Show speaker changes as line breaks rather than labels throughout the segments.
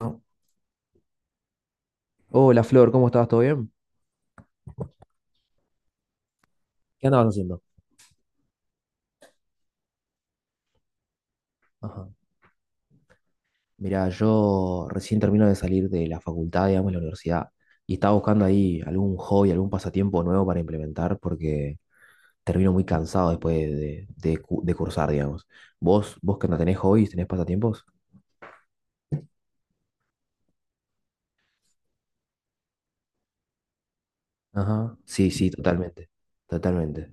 ¿No? Hola Flor, ¿cómo estás? ¿Todo bien? ¿Qué andabas haciendo? Ajá. Mirá, yo recién termino de salir de la facultad, digamos, de la universidad, y estaba buscando ahí algún hobby, algún pasatiempo nuevo para implementar, porque termino muy cansado después de cursar, digamos. ¿Vos que no tenés hobbies, tenés pasatiempos? Ajá. Sí, sí, totalmente, totalmente.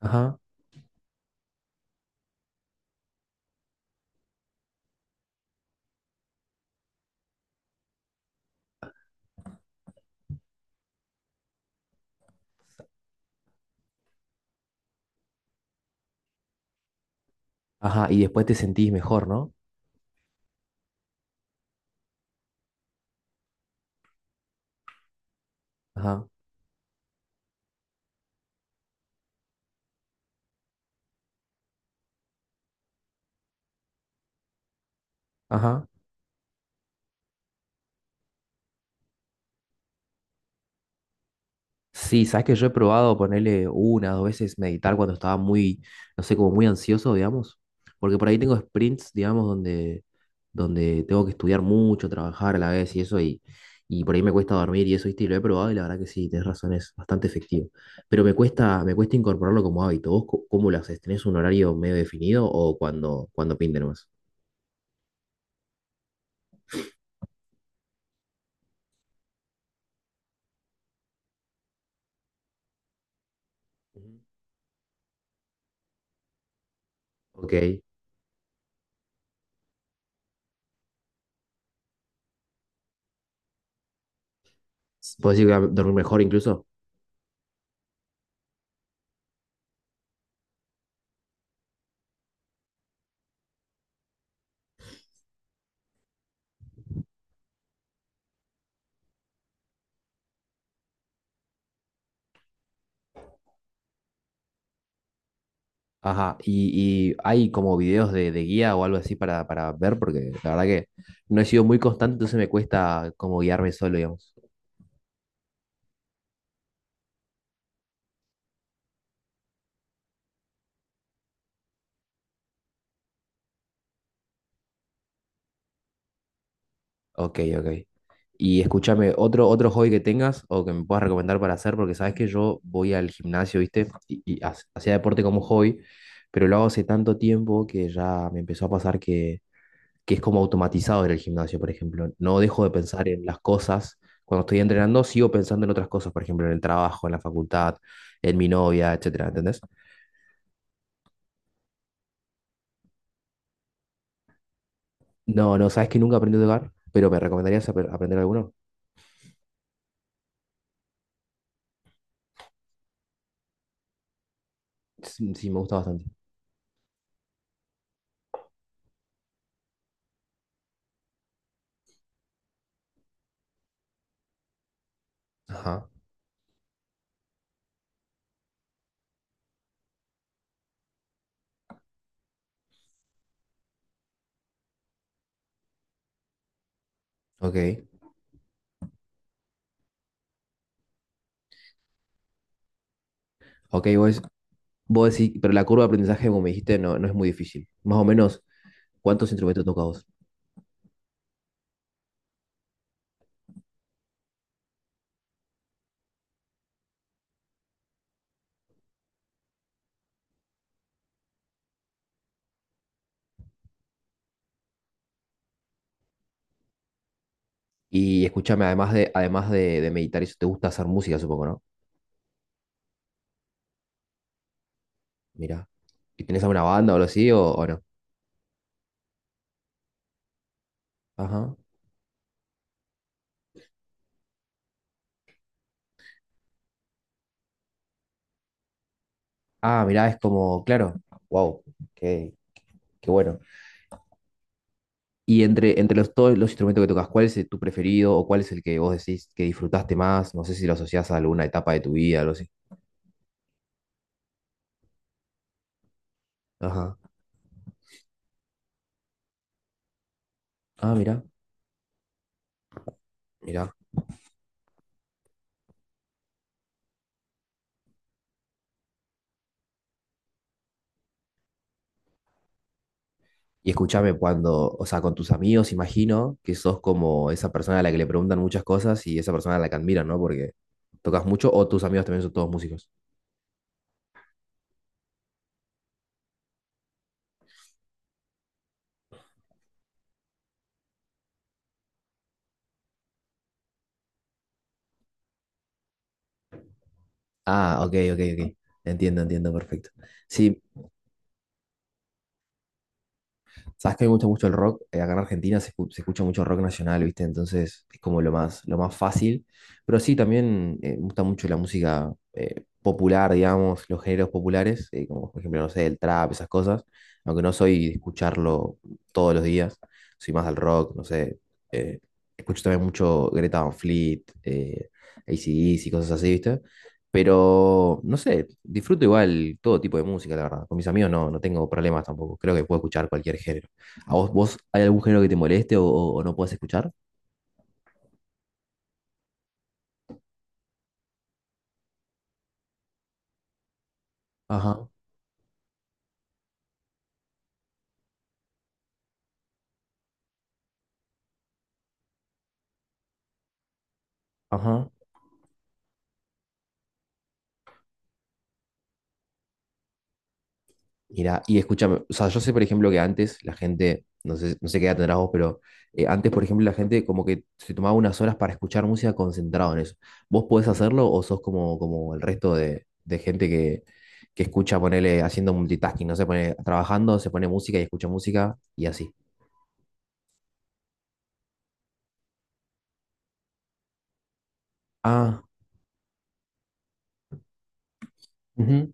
Ajá. Ajá, y después te sentís mejor, ¿no? Ajá. Ajá. Sí, sabes que yo he probado ponerle una, dos veces meditar cuando estaba muy, no sé, como muy ansioso, digamos. Porque por ahí tengo sprints, digamos, donde tengo que estudiar mucho, trabajar a la vez y eso, y por ahí me cuesta dormir y eso, ¿viste? Y lo he probado y la verdad que sí, tenés razón, es bastante efectivo. Pero me cuesta incorporarlo como hábito. ¿Vos cómo lo haces? ¿Tenés un horario medio definido o cuando pinte nomás? Ujú. Ok. ¿Podés ir a dormir mejor incluso? Ajá, y hay como videos de guía o algo así para, ver, porque la verdad que no he sido muy constante, entonces me cuesta como guiarme solo, digamos. Ok, ok. Y escúchame, otro hobby que tengas o que me puedas recomendar para hacer, porque sabes que yo voy al gimnasio, ¿viste? Y hacía deporte como hobby, pero lo hago hace tanto tiempo que ya me empezó a pasar que es como automatizado en el gimnasio, por ejemplo. No dejo de pensar en las cosas. Cuando estoy entrenando, sigo pensando en otras cosas, por ejemplo, en el trabajo, en la facultad, en mi novia, etcétera, ¿entendés? No, no, sabes que nunca aprendí a tocar, pero ¿me recomendarías aprender alguno? Sí, sí, me gusta bastante. Ajá, ok. Ok, vos decís, pero la curva de aprendizaje, como me dijiste, no, no es muy difícil. Más o menos, ¿cuántos instrumentos tocas vos? Y escúchame, además de meditar, eso te gusta hacer música, supongo, ¿no? Mira. ¿Y tenés alguna banda o algo así o no? Ajá. Ah, mirá, es como, claro, wow, qué, qué bueno. Y entre todos los instrumentos que tocas, ¿cuál es tu preferido o cuál es el que vos decís que disfrutaste más? No sé si lo asociás a alguna etapa de tu vida, algo así. Ajá. Ah, mirá, mirá. Y escúchame cuando, o sea, con tus amigos, imagino que sos como esa persona a la que le preguntan muchas cosas y esa persona a la que admiran, ¿no? Porque tocas mucho o tus amigos también son todos músicos. Ah, ok, ok, ok. Entiendo, entiendo, perfecto. Sí, sabes que me gusta mucho el rock. Acá en Argentina se escucha mucho rock nacional, ¿viste? Entonces es como lo más fácil. Pero sí, también me gusta mucho la música popular, digamos, los géneros populares, como por ejemplo, no sé, el trap, esas cosas. Aunque no soy de escucharlo todos los días, soy más del rock, no sé. eh, escucho también mucho Greta Van Fleet, AC/DC y cosas así, ¿viste? Pero, no sé, disfruto igual todo tipo de música, la verdad. Con mis amigos no, no tengo problemas tampoco. Creo que puedo escuchar cualquier género. ¿A vos, hay algún género que te moleste o no puedas escuchar? Ajá, ajá. Mira, y escúchame, o sea, yo sé, por ejemplo, que antes la gente, no sé qué edad tendrás vos, pero antes, por ejemplo, la gente como que se tomaba unas horas para escuchar música concentrado en eso. ¿Vos podés hacerlo o sos como el resto de gente que escucha, ponele, haciendo multitasking, no sé, pone trabajando, se pone música y escucha música y así? Ah, ujú.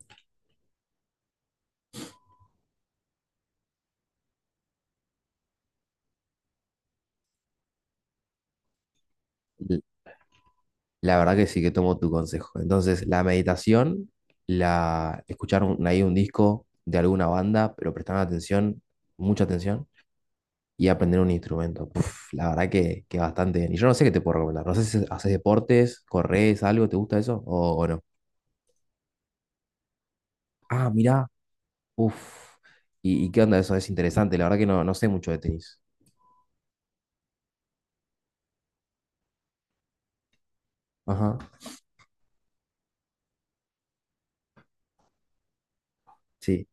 La verdad que sí que tomo tu consejo. Entonces, la meditación, la escuchar ahí un disco de alguna banda, pero prestar atención, mucha atención, y aprender un instrumento. Puf, la verdad que bastante bien. Y yo no sé qué te puedo recomendar. No sé si haces deportes, corres, algo, ¿te gusta eso? ¿O no? Ah, mirá, uf. ¿Y qué onda eso? Es interesante. La verdad que no, no sé mucho de tenis. Ajá. Sí.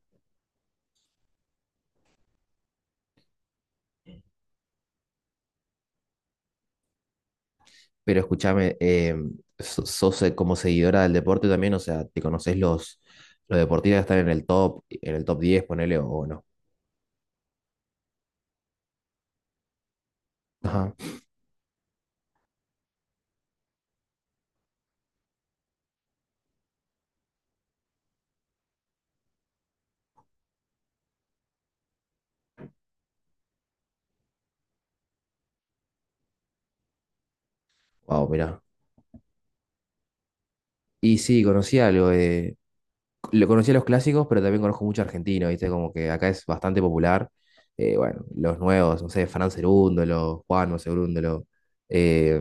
Pero escúchame, sos como seguidora del deporte también, o sea, ¿te conoces los deportistas que están en el top diez ponele, o no? Ajá. Wow, mirá. Y sí, conocí algo, lo conocía los clásicos, pero también conozco mucho argentino, ¿viste? Como que acá es bastante popular. Bueno, los nuevos, no sé, Fran Cerúndolo, Juan Cerúndolo, eh,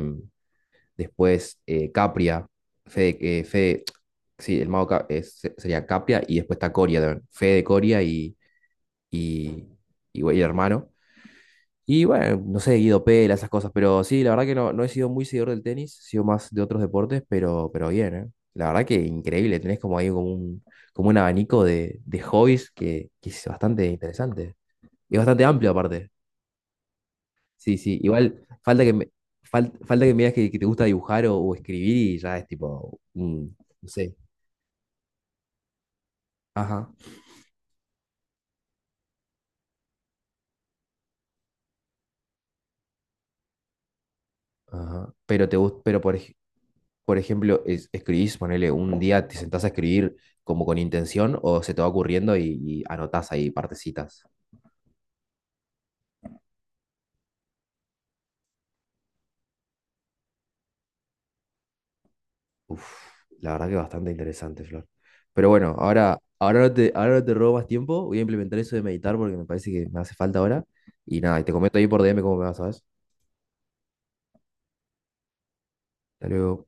después Capria, Fede, eh, Fede- sí, el mago sería Capria, y después está Coria también, Fede Coria y, y güey, hermano. Y bueno, no sé, Guido Pela, esas cosas, pero sí, la verdad que no, no he sido muy seguidor del tenis, he sido más de otros deportes, pero bien, ¿eh? La verdad que increíble, tenés como ahí como un, abanico de hobbies que es bastante interesante. Y bastante amplio aparte. Sí, sí, igual falta que me digas que te gusta dibujar o escribir y ya es tipo, no sé. Ajá, ajá. Pero te gusta, pero por ejemplo, escribís, ponele un día, te sentás a escribir como con intención o se te va ocurriendo y anotás ahí partecitas. Uf, la verdad que bastante interesante, Flor. Pero bueno, ahora no te robo más tiempo, voy a implementar eso de meditar porque me parece que me hace falta ahora. Y nada, y te comento ahí por DM cómo me vas, ¿sabes? Hasta luego.